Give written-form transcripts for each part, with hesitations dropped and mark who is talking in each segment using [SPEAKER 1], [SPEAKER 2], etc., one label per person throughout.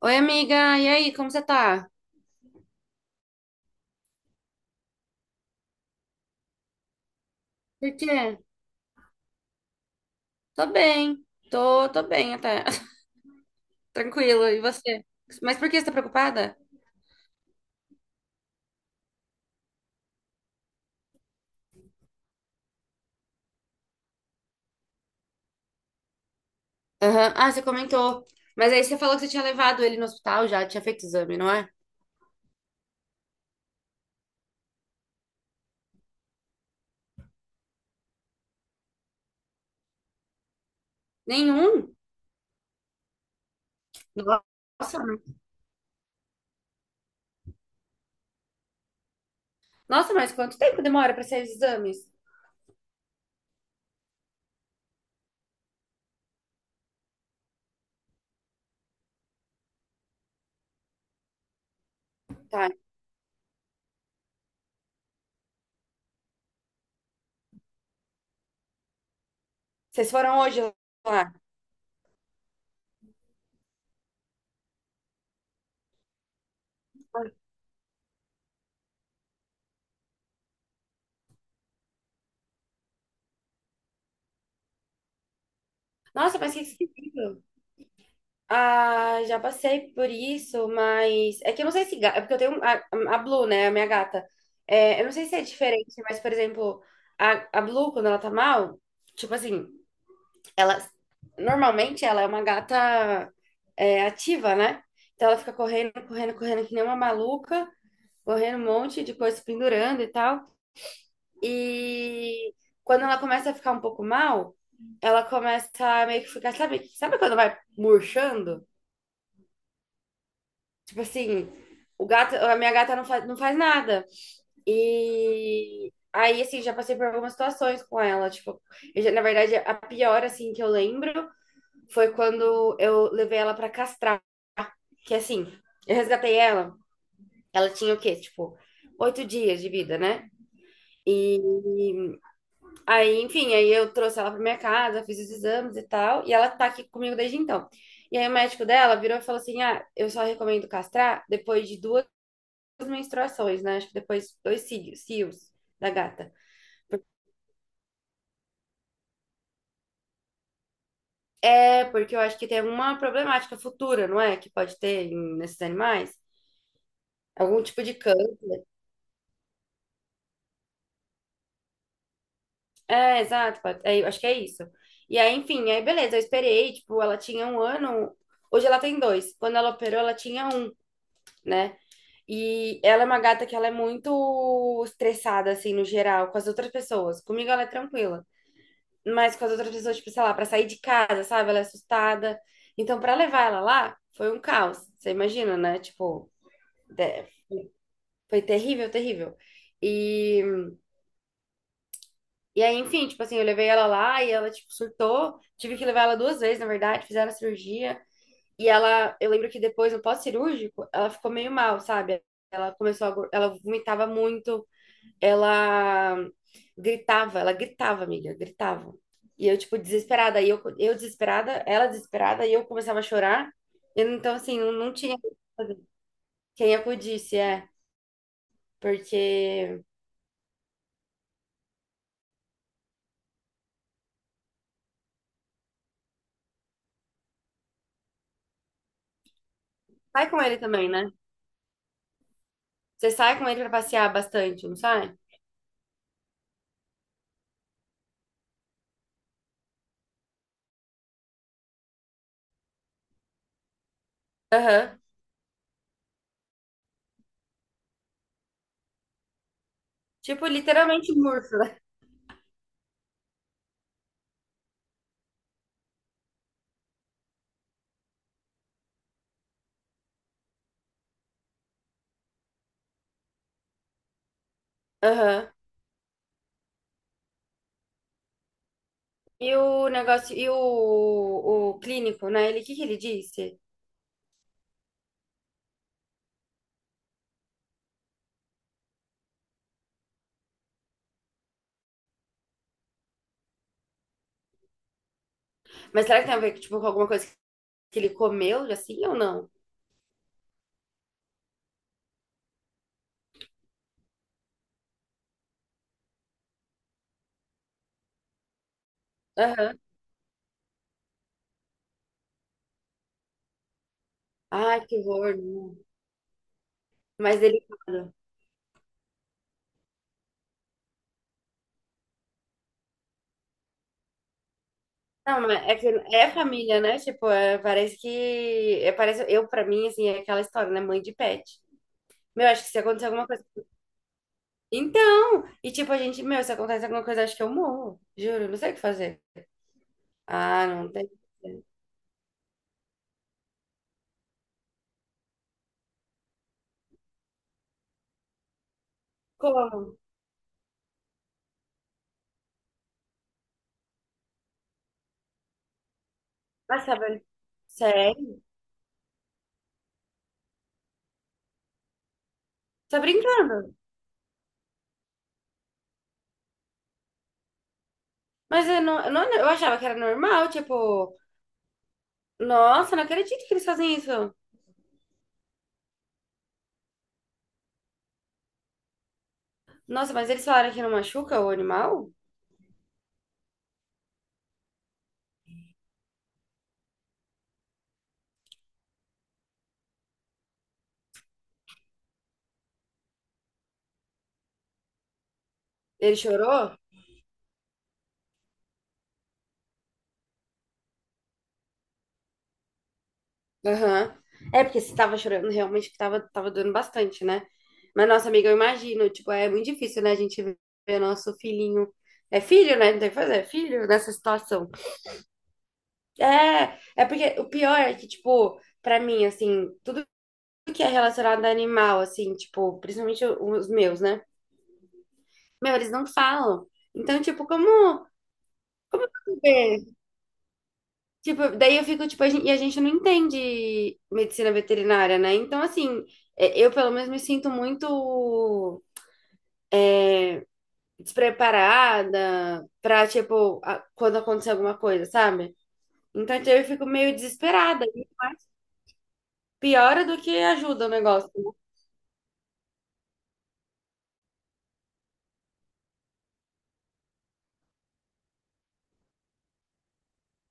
[SPEAKER 1] Oi, amiga, e aí, como você tá? Por quê? Tô bem, tô bem até, tranquilo, e você? Mas por que você tá preocupada? Aham. Ah, você comentou, mas aí você falou que você tinha levado ele no hospital já, tinha feito exame, não é? Nenhum? Nossa, nossa, mas quanto tempo demora pra sair os exames? Tá, vocês foram hoje lá? Nossa, mas que esquisito. Ah, já passei por isso, mas é que eu não sei se é porque eu tenho a Blue, né, a minha gata. É, eu não sei se é diferente, mas por exemplo, a Blue quando ela tá mal, tipo assim, ela normalmente ela é uma gata é, ativa, né? Então ela fica correndo, correndo, correndo que nem uma maluca, correndo um monte de coisa pendurando e tal. E quando ela começa a ficar um pouco mal, ela começa a meio que ficar, sabe, sabe quando vai murchando? Tipo assim, o gato, a minha gata não faz nada. E aí, assim, já passei por algumas situações com ela. Tipo, na verdade, a pior, assim, que eu lembro foi quando eu levei ela pra castrar. Que assim, eu resgatei ela. Ela tinha o quê? Tipo, oito dias de vida, né? E aí, enfim, aí eu trouxe ela pra minha casa, fiz os exames e tal. E ela tá aqui comigo desde então. E aí o médico dela virou e falou assim: Ah, eu só recomendo castrar depois de duas as menstruações, né? Acho que depois dois cílios, cílios da gata. Por- É, porque eu acho que tem uma problemática futura, não é? Que pode ter nesses animais. Algum tipo de câncer. É, exato. É, eu acho que é isso. E aí, enfim, aí beleza, eu esperei, tipo, ela tinha um ano, hoje ela tem dois. Quando ela operou, ela tinha um, né? E ela é uma gata que ela é muito estressada, assim, no geral, com as outras pessoas. Comigo ela é tranquila. Mas com as outras pessoas, tipo, sei lá, pra sair de casa, sabe? Ela é assustada. Então, pra levar ela lá, foi um caos. Você imagina, né? Tipo, de- foi terrível, terrível. E, e aí, enfim, tipo assim, eu levei ela lá e ela, tipo, surtou. Tive que levar ela duas vezes, na verdade, fizeram a cirurgia. E ela, eu lembro que depois, no pós-cirúrgico, ela ficou meio mal, sabe? Ela começou a, ela vomitava muito. Ela gritava, ela gritava, amiga, gritava. E eu, tipo, desesperada, e eu desesperada, ela desesperada, e eu começava a chorar. E, então, assim, não tinha quem acudisse, é. Porque sai com ele também, né? Você sai com ele pra passear bastante, não sai? Aham. Tipo, literalmente murcho. Aham. E o negócio, o clínico, né? Ele, o que que ele disse? Mas será que tem a ver, tipo, com alguma coisa que ele comeu, assim, ou não? Aham. Ai, que horror. Né? Mais delicado. Não, mas é que é família, né? Tipo, é, parece que. É, parece, eu, pra mim, assim, é aquela história, né? Mãe de pet. Meu, acho que se acontecer alguma coisa. Então! E tipo, a gente, meu, se acontece alguma coisa, acho que eu morro. Juro, não sei o que fazer. Ah, não tem. Como? Ah, sabe? Sério? Tá brincando? Mas eu não, eu achava que era normal, tipo, nossa, não acredito que eles fazem isso. Nossa, mas eles falaram que não machuca o animal? Ele chorou? Aham. É, porque você tava chorando, realmente que tava, tava doendo bastante, né? Mas, nossa, amiga, eu imagino, tipo, é muito difícil, né? A gente ver nosso filhinho. É filho, né? Não tem o que fazer, é filho nessa situação. É, é porque o pior é que, tipo, pra mim, assim, tudo que é relacionado a animal, assim, tipo, principalmente os meus, né? Meu, eles não falam. Então, tipo, como eu vou saber? Tipo, daí eu fico, tipo, a gente, e a gente não entende medicina veterinária, né? Então, assim, é, eu pelo menos me sinto muito despreparada pra, tipo, quando acontecer alguma coisa, sabe? Então, tipo, eu fico meio desesperada. E piora do que ajuda o negócio. Né?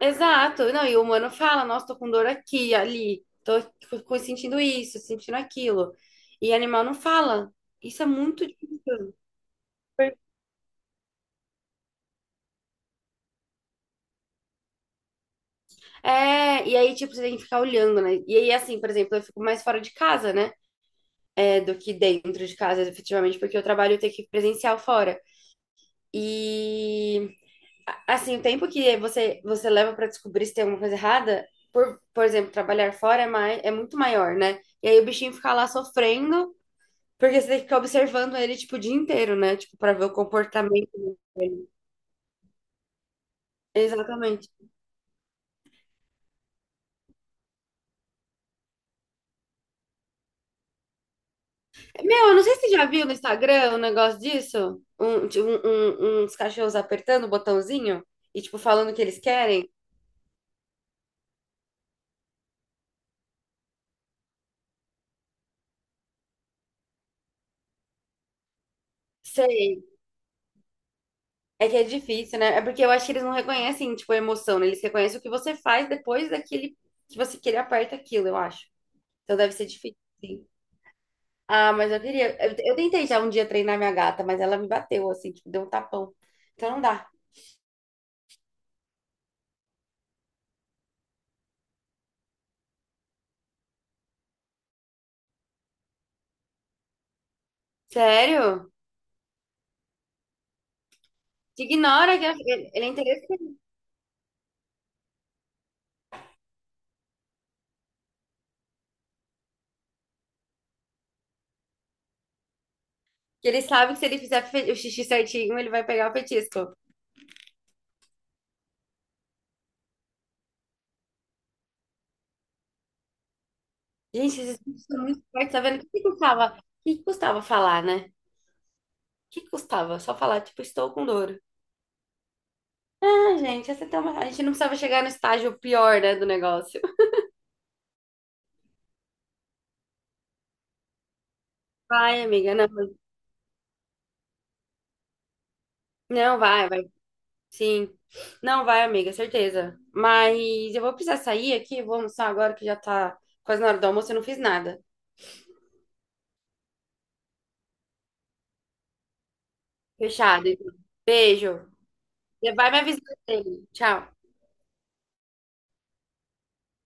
[SPEAKER 1] Exato. Não, e o humano fala, nossa, tô com dor aqui, ali, tô sentindo isso, sentindo aquilo. E animal não fala. Isso é muito difícil. É, e aí, tipo, você tem que ficar olhando, né? E aí, assim, por exemplo, eu fico mais fora de casa, né? É, do que dentro de casa, efetivamente, porque eu trabalho eu tenho que ir presencial fora. E, assim, o tempo que você, você leva pra descobrir se tem alguma coisa errada, por exemplo, trabalhar fora é, mais, é muito maior, né? E aí o bichinho fica lá sofrendo, porque você tem que ficar observando ele, tipo, o dia inteiro, né? Tipo, pra ver o comportamento dele. Exatamente. Meu, eu não sei se você já viu no Instagram um negócio disso. Um, uns cachorros apertando o botãozinho e, tipo, falando o que eles querem. Sei. É que é difícil, né? É porque eu acho que eles não reconhecem, tipo, a emoção, né? Eles reconhecem o que você faz depois daquele que você que ele aperta aquilo, eu acho. Então deve ser difícil, sim. Ah, mas eu queria. Eu tentei já um dia treinar minha gata, mas ela me bateu, assim, tipo, deu um tapão. Então não dá. Sério? Te ignora que ele é interessante. Que ele sabe que se ele fizer o xixi certinho, ele vai pegar o petisco. Gente, esses bichos são muito fortes, tá vendo? O que que custava? O que que custava falar, né? O que que custava? Só falar, tipo, estou com dor. Ah, gente, essa tem uma... a gente não precisava chegar no estágio pior, né, do negócio. Vai, amiga, não. Não, vai, vai. Sim. Não vai, amiga, certeza. Mas eu vou precisar sair aqui, vou almoçar agora que já tá quase na hora do almoço, eu não fiz nada. Fechado. Então. Beijo. Vai me avisando dele. Tchau.